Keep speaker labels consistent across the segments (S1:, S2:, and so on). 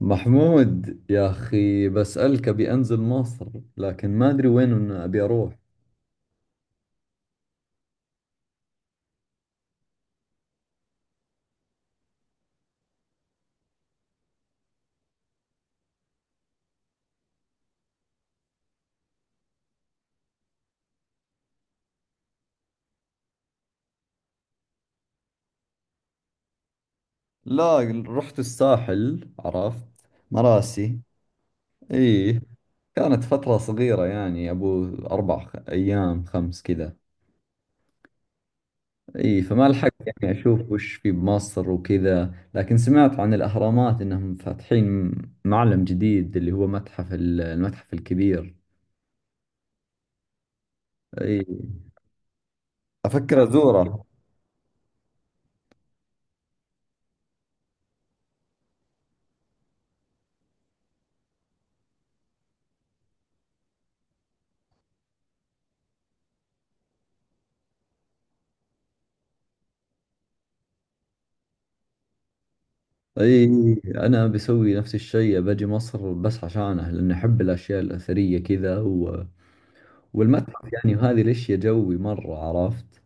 S1: محمود يا أخي بسألك أبي أنزل مصر، لكن ما أدري وين إن أبي أروح. لا، رحت الساحل، عرفت مراسي. إيه، كانت فترة صغيرة يعني أبو أربع أيام خمس كذا. إيه، فما لحقت يعني أشوف وش في بمصر وكذا، لكن سمعت عن الأهرامات إنهم فاتحين معلم جديد اللي هو متحف المتحف الكبير. إيه، أفكر أزوره. اي، انا بسوي نفس الشيء باجي مصر بس عشانه، لان احب الاشياء الاثريه كذا، و... والمتحف يعني وهذه الاشياء جوي مره، عرفت.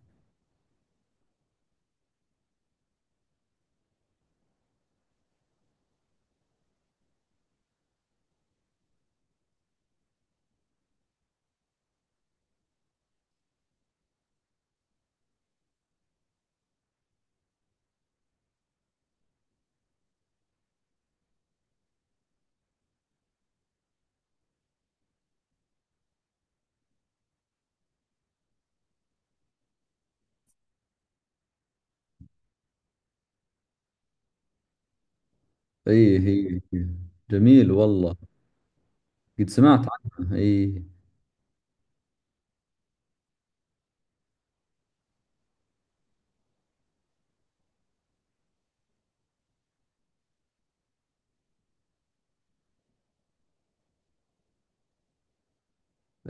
S1: اي، هي. جميل والله، قد سمعت عنه اي.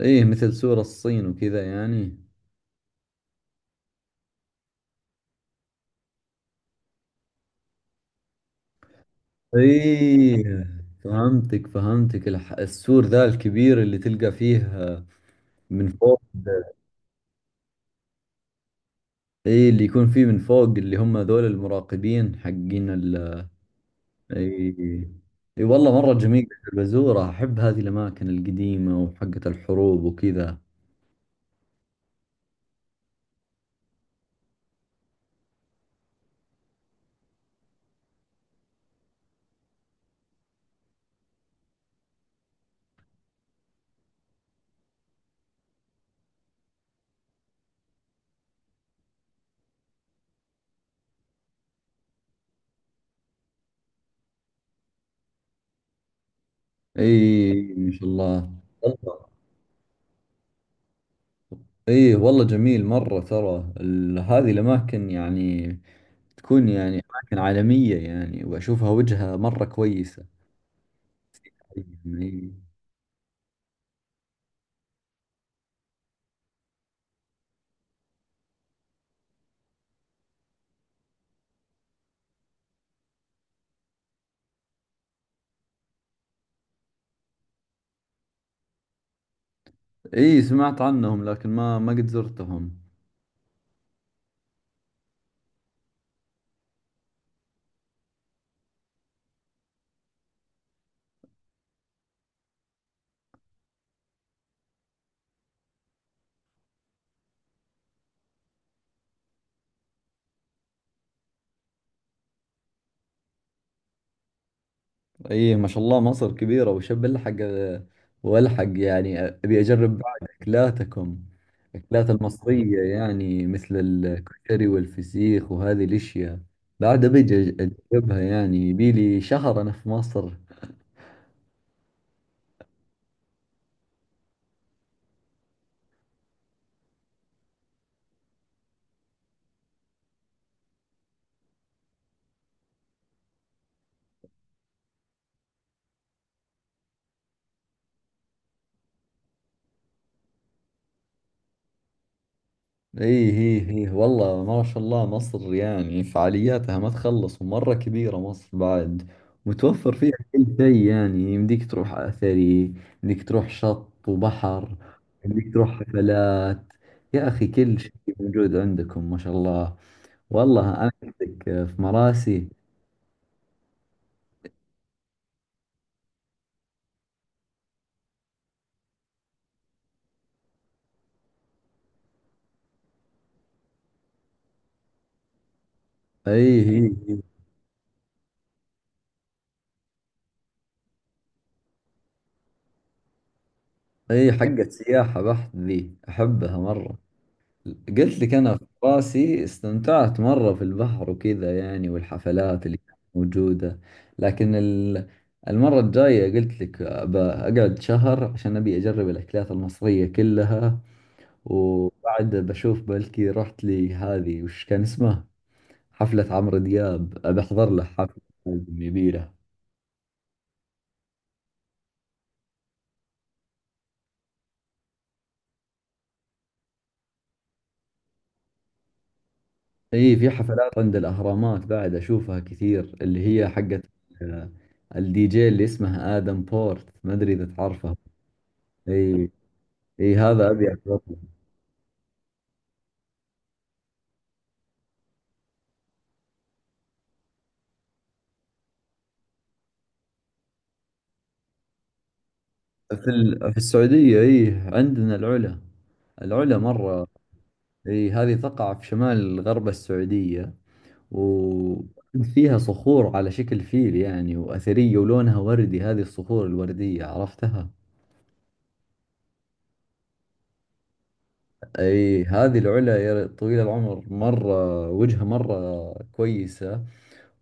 S1: اي، مثل سور الصين وكذا يعني. اي، فهمتك السور ذا الكبير اللي تلقى فيه من فوق. اي، اللي يكون فيه من فوق اللي هم ذول المراقبين حقين ال... اي، اي والله مرة جميلة البزورة، احب هذه الاماكن القديمة وحقة الحروب وكذا. اي ما شاء الله. والله اي والله جميل مرة ترى هذه الاماكن يعني تكون يعني اماكن عالمية يعني واشوفها وجهة مرة كويسة. اي. اي، سمعت عنهم لكن ما قد زرتهم. ايه ما شاء الله، مصر كبيرة وشب الحق، والحق يعني ابي اجرب بعد اكلاتكم، اكلات المصرية يعني مثل الكشري والفسيخ وهذه الاشياء بعد. ابي اجربها يعني، يبي لي شهر انا في مصر. ايه ايه ايه والله ما شاء الله، مصر يعني فعالياتها ما تخلص، ومرة كبيرة مصر بعد، متوفر فيها كل شيء يعني. يمديك تروح أثري، يمديك تروح شط وبحر، يمديك تروح حفلات. يا أخي كل شيء موجود عندكم ما شاء الله. والله أنا عندك في مراسي. ايه ايه ايه، إيه، حقة سياحة بحت ذي، أحبها مرة. قلت لك أنا في راسي استمتعت مرة في البحر وكذا يعني، والحفلات اللي كانت موجودة، لكن المرة الجاية قلت لك بقعد شهر عشان أبي أجرب الأكلات المصرية كلها. وبعد بشوف بلكي رحت لي هذه، وش كان اسمها، حفلة عمرو دياب، بحضر له حفلة، لازم يبي له. اي، في حفلات عند الأهرامات بعد، أشوفها كثير اللي هي حقت آه، الدي جي اللي اسمه آدم بورت، ما أدري إذا تعرفه. اي. اي هذا ابيع وطني. في في السعودية اي، عندنا العلا، العلا مرة. اي، هذه تقع في شمال غرب السعودية، و فيها صخور على شكل فيل يعني، وأثرية ولونها وردي، هذه الصخور الوردية، عرفتها؟ اي هذه العلا يا طويل العمر مرة، وجهها مرة كويسة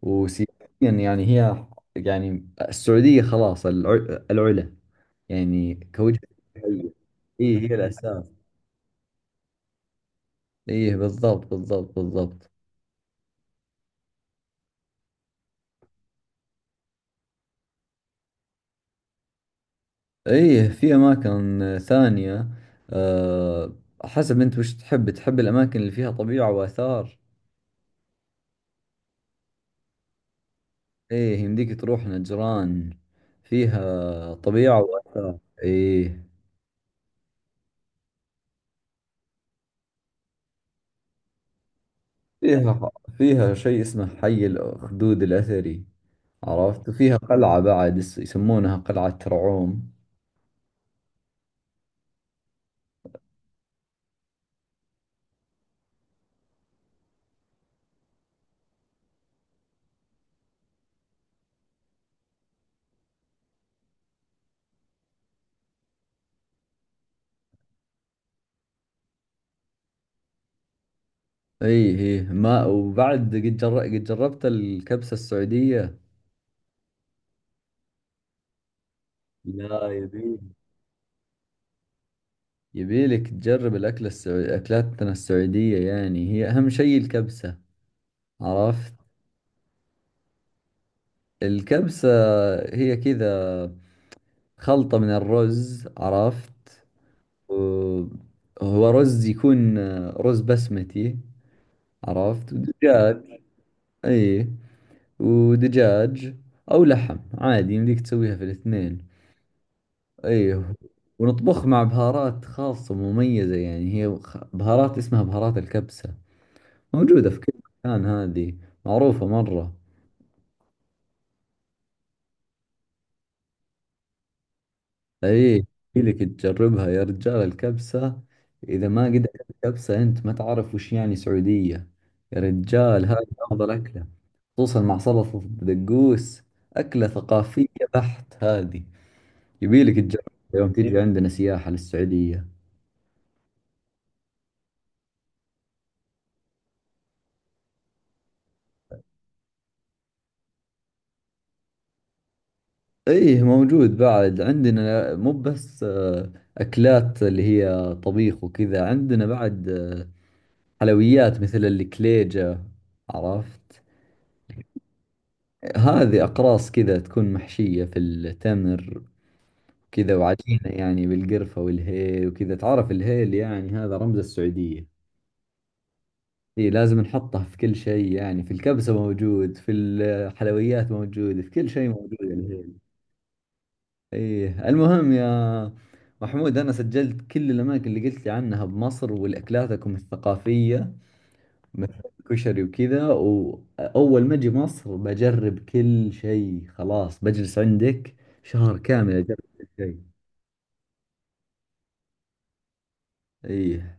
S1: وسياسيا يعني. هي يعني، السعودية خلاص العلا يعني كوجه. اي هي الأساس. ايه بالضبط بالضبط بالضبط. ايه، في اماكن ثانية. أه، حسب انت وش تحب، تحب الاماكن اللي فيها طبيعة واثار. ايه، يمديك تروح نجران، فيها طبيعة واثار ايه. فيها، فيها شيء اسمه حي الاخدود الاثري، عرفت. وفيها قلعة بعد يسمونها قلعة ترعوم. ايه ايه ما وبعد قد قد جربت الكبسة السعودية؟ لا، يبي، يبيلك تجرب الأكلة السعودية. أكلاتنا السعودية يعني هي أهم شيء الكبسة، عرفت. الكبسة هي كذا، خلطة من الرز، عرفت. و- هو رز يكون رز بسمتي، عرفت، ودجاج. أي، ودجاج أو لحم عادي، يمديك تسويها في الاثنين. أيه. ونطبخ مع بهارات خاصة مميزة يعني، هي بهارات اسمها بهارات الكبسة، موجودة في كل مكان هذه، معروفة مرة. اي، لك تجربها يا رجال الكبسة. اذا ما قد أكلت كبسة انت ما تعرف وش يعني سعودية. يا رجال هذه افضل اكلة، خصوصا مع سلطة الدقوس، اكلة ثقافية بحت هذه، يبيلك تجربها يوم تيجي عندنا سياحة للسعودية. ايه موجود بعد عندنا، مو بس اكلات اللي هي طبيخ وكذا، عندنا بعد حلويات مثل الكليجة، عرفت. هذه أقراص كذا تكون محشية في التمر كذا، وعجينة يعني بالقرفة والهيل وكذا. تعرف الهيل يعني هذا رمز السعودية. إيه، لازم نحطه في كل شيء يعني، في الكبسة موجود، في الحلويات موجود، في كل شيء موجود الهيل. إيه المهم يا محمود، أنا سجلت كل الأماكن اللي قلت لي عنها بمصر، والأكلاتكم الثقافية مثل كشري وكذا، وأول ما أجي مصر بجرب كل شيء، خلاص بجلس عندك شهر كامل أجرب كل شيء. إيه.